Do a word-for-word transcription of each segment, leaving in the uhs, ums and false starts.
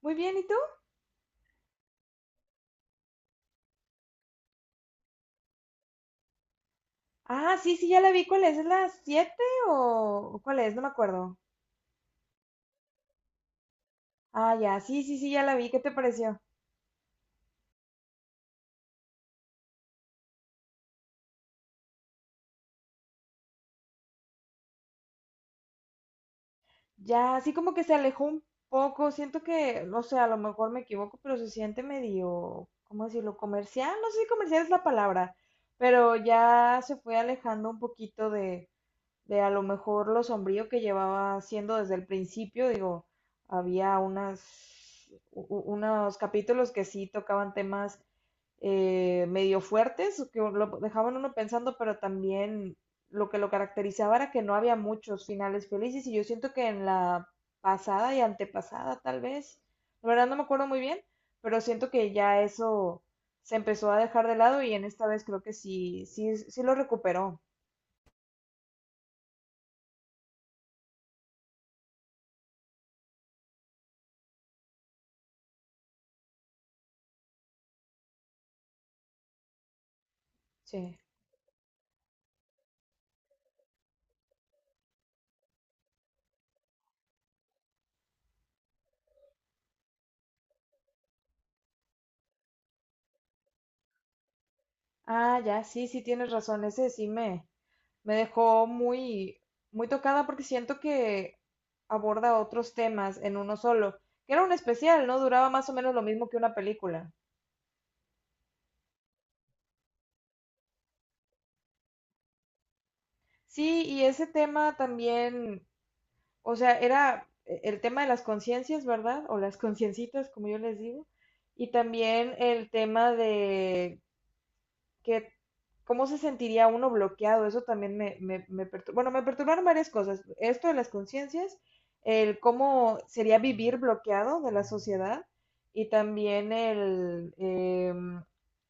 Muy bien, ¿y tú? Ah, sí, sí, ya la vi. ¿Cuál es? ¿Es la siete o o cuál es? No me acuerdo. Ah, ya, sí, sí, sí, ya la vi. ¿Qué te pareció? Ya, así como que se alejó un poco. Siento que, no sé, a lo mejor me equivoco, pero se siente medio, ¿cómo decirlo? Comercial. No sé si comercial es la palabra, pero ya se fue alejando un poquito de, de a lo mejor lo sombrío que llevaba siendo desde el principio. Digo, había unas, u- u- unos capítulos que sí tocaban temas eh, medio fuertes, que lo dejaban uno pensando, pero también lo que lo caracterizaba era que no había muchos finales felices y yo siento que en la pasada y antepasada tal vez, la verdad no me acuerdo muy bien, pero siento que ya eso se empezó a dejar de lado y en esta vez creo que sí, sí, sí lo recuperó. Sí. Ah, ya, sí, sí tienes razón, ese sí me, me dejó muy, muy tocada porque siento que aborda otros temas en uno solo, que era un especial, ¿no? Duraba más o menos lo mismo que una película. Sí, y ese tema también, o sea, era eh, el tema de las conciencias, ¿verdad? O las conciencitas, como yo les digo, y también el tema de que cómo se sentiría uno bloqueado, eso también me, me, me perturba. Bueno, me perturbaron varias cosas. Esto de las conciencias, el cómo sería vivir bloqueado de la sociedad y también el, eh,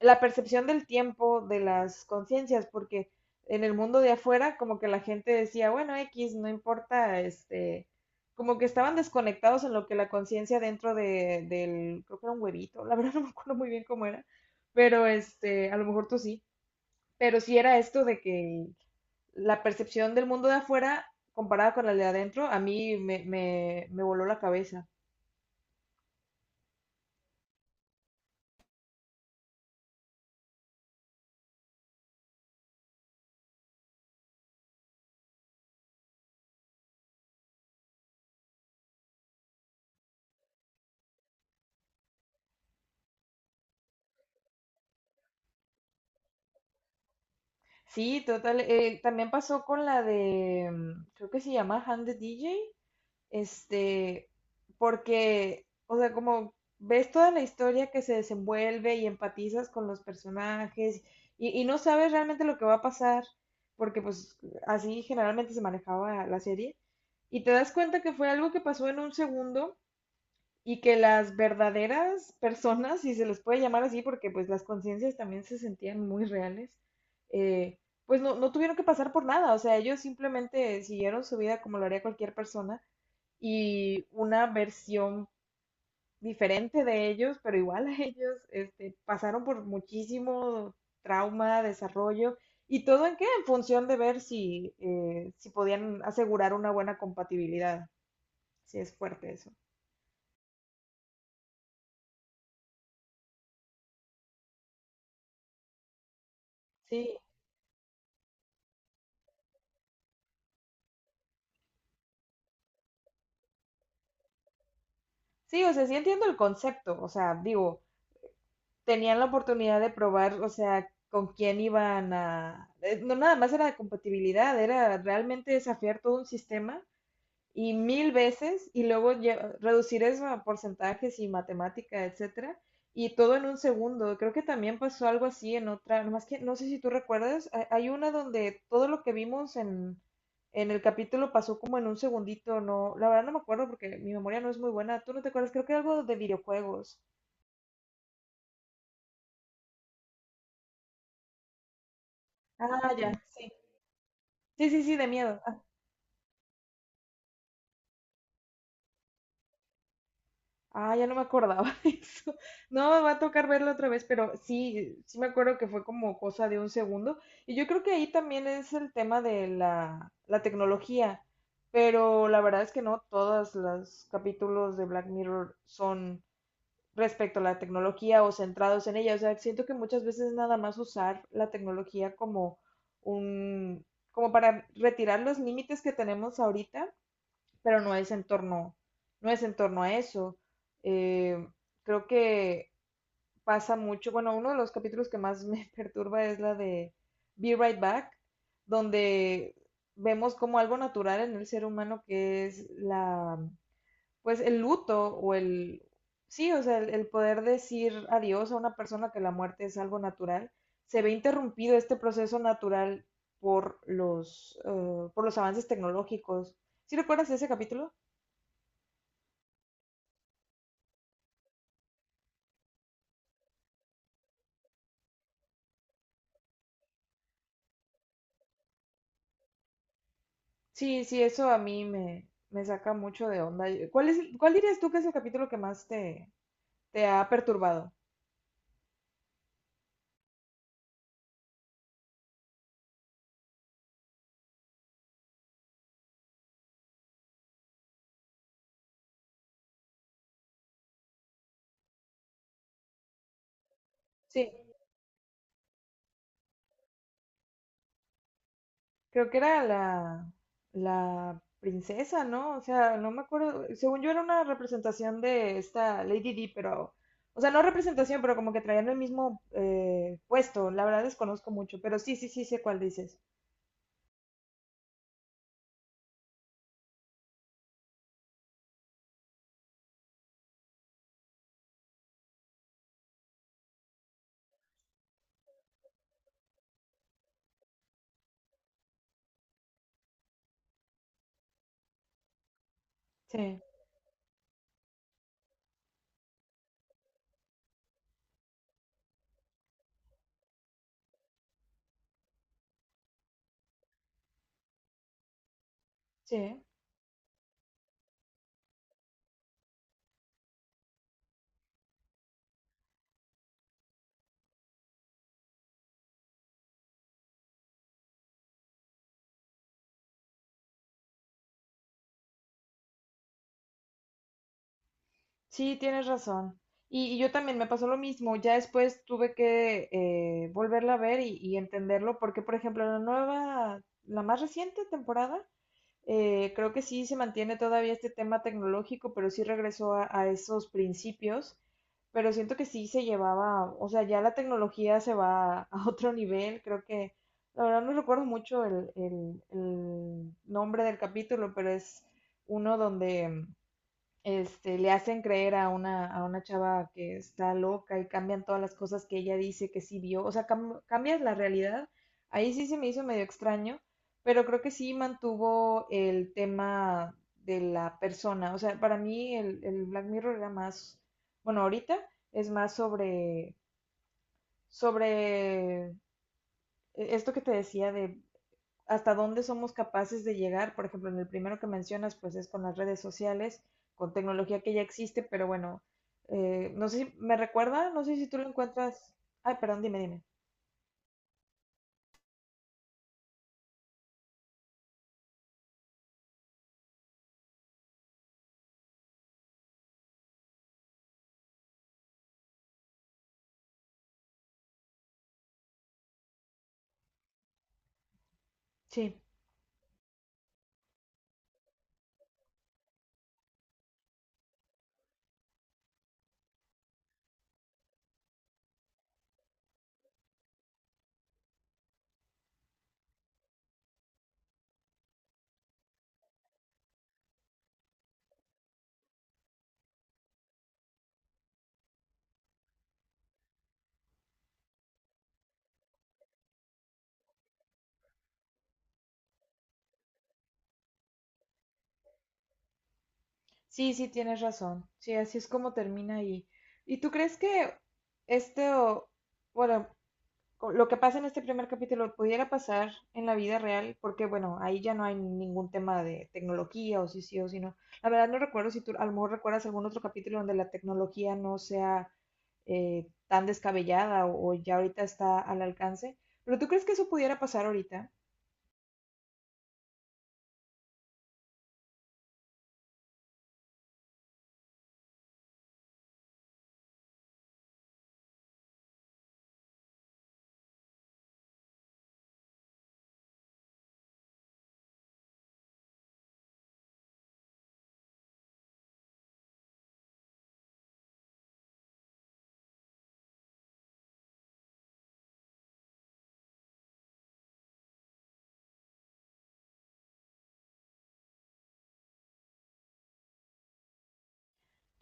la percepción del tiempo de las conciencias, porque en el mundo de afuera como que la gente decía, bueno, X, no importa, este, como que estaban desconectados en lo que la conciencia dentro de, del, creo que era un huevito, la verdad no me acuerdo muy bien cómo era, pero este, a lo mejor tú sí, pero sí era esto de que la percepción del mundo de afuera comparada con la de adentro, a mí me, me, me voló la cabeza. Sí, total. Eh, también pasó con la de, mm, creo que se llama Hand the D J, este, porque, o sea, como ves toda la historia que se desenvuelve y empatizas con los personajes y, y no sabes realmente lo que va a pasar, porque pues así generalmente se manejaba la serie, y te das cuenta que fue algo que pasó en un segundo y que las verdaderas personas, si se les puede llamar así, porque pues las conciencias también se sentían muy reales, eh, pues no, no tuvieron que pasar por nada, o sea, ellos simplemente siguieron su vida como lo haría cualquier persona y una versión diferente de ellos, pero igual a ellos, este, pasaron por muchísimo trauma, desarrollo y todo en qué, en función de ver si, eh, si podían asegurar una buena compatibilidad, si es fuerte eso. Sí. Sí, o sea, sí entiendo el concepto, o sea, digo, tenían la oportunidad de probar, o sea, con quién iban a... eh, No nada más era de compatibilidad, era realmente desafiar todo un sistema y mil veces y luego lle- reducir eso a porcentajes y matemática, etcétera, y todo en un segundo. Creo que también pasó algo así en otra, más que no sé si tú recuerdas, ha- hay una donde todo lo que vimos en en el capítulo pasó como en un segundito, no, la verdad no me acuerdo porque mi memoria no es muy buena. ¿Tú no te acuerdas? Creo que algo de videojuegos. Ah, ya, sí. Sí, sí, sí, de miedo. Ah, ya no me acordaba de eso. No, me va a tocar verlo otra vez, pero sí, sí me acuerdo que fue como cosa de un segundo. Y yo creo que ahí también es el tema de la, la tecnología, pero la verdad es que no todos los capítulos de Black Mirror son respecto a la tecnología o centrados en ella. O sea, siento que muchas veces nada más usar la tecnología como un, como para retirar los límites que tenemos ahorita pero no es en torno, no es en torno a eso. Eh, Creo que pasa mucho, bueno, uno de los capítulos que más me perturba es la de Be Right Back, donde vemos como algo natural en el ser humano que es la, pues el luto o el, sí, o sea, el, el poder decir adiós a una persona que la muerte es algo natural, se ve interrumpido este proceso natural por los, eh, por los avances tecnológicos. ¿Sí recuerdas ese capítulo? Sí, sí, eso a mí me, me saca mucho de onda. ¿Cuál es, el- cuál dirías tú que es el capítulo que más te, te ha perturbado? Sí, creo que era la, la princesa, ¿no? O sea, no me acuerdo, según yo era una representación de esta Lady Di, pero, o sea, no representación, pero como que traían el mismo eh, puesto. La verdad desconozco mucho, pero sí, sí, sí sé cuál dices. Sí, sí. Sí, tienes razón. Y, y yo también me pasó lo mismo. Ya después tuve que eh, volverla a ver y, y entenderlo, porque por ejemplo la nueva, la más reciente temporada, eh, creo que sí se mantiene todavía este tema tecnológico, pero sí regresó a, a esos principios. Pero siento que sí se llevaba, o sea, ya la tecnología se va a otro nivel. Creo que, la verdad no recuerdo mucho el, el el nombre del capítulo, pero es uno donde este, le hacen creer a una, a una chava que está loca y cambian todas las cosas que ella dice que sí vio, o sea, cam- cambias la realidad. Ahí sí se me hizo medio extraño, pero creo que sí mantuvo el tema de la persona. O sea, para mí el, el Black Mirror era más, bueno, ahorita es más sobre, sobre eh, esto que te decía de hasta dónde somos capaces de llegar. Por ejemplo, en el primero que mencionas, pues es con las redes sociales, con tecnología que ya existe, pero bueno, eh, no sé si me recuerda, no sé si tú lo encuentras. Ay, perdón, dime, dime. Sí, sí, sí, tienes razón. Sí, así es como termina ahí. ¿Y tú crees que este, o- bueno, con lo que pasa en este primer capítulo pudiera pasar en la vida real, porque bueno, ahí ya no hay ningún tema de tecnología o si sí o si no. La verdad no recuerdo si tú a lo mejor recuerdas algún otro capítulo donde la tecnología no sea eh, tan descabellada o, o ya ahorita está al alcance, pero ¿tú crees que eso pudiera pasar ahorita?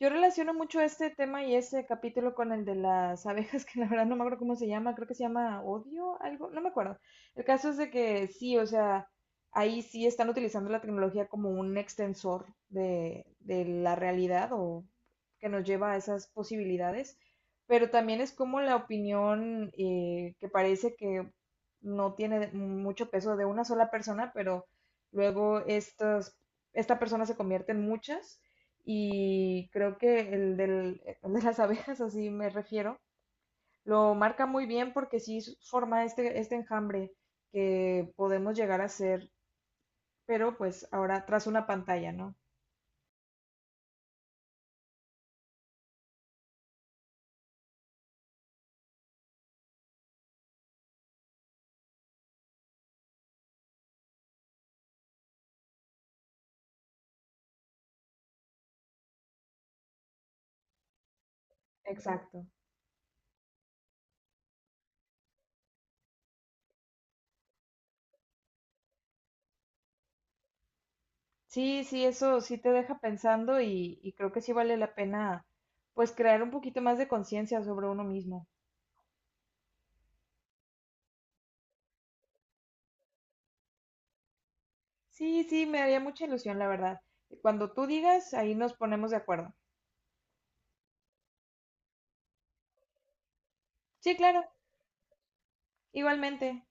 Yo relaciono mucho este tema y este capítulo con el de las abejas, que la verdad no me acuerdo cómo se llama, creo que se llama odio, algo, no me acuerdo. El caso es de que sí, o sea, ahí sí están utilizando la tecnología como un extensor de, de la realidad o que nos lleva a esas posibilidades, pero también es como la opinión eh, que parece que no tiene mucho peso de una sola persona, pero luego estas, esta persona se convierte en muchas y creo que el, del, eh, el de las abejas, así me refiero, lo marca muy bien porque sí forma este, este enjambre que podemos llegar a ser, pero pues ahora tras una pantalla, ¿no? Exacto. Sí, sí, eso sí te deja pensando y, y creo que sí vale la pena pues crear un poquito más de conciencia sobre uno mismo. Sí, sí, me haría mucha ilusión, la verdad. Cuando tú digas, ahí nos ponemos de acuerdo. Sí, claro, igualmente.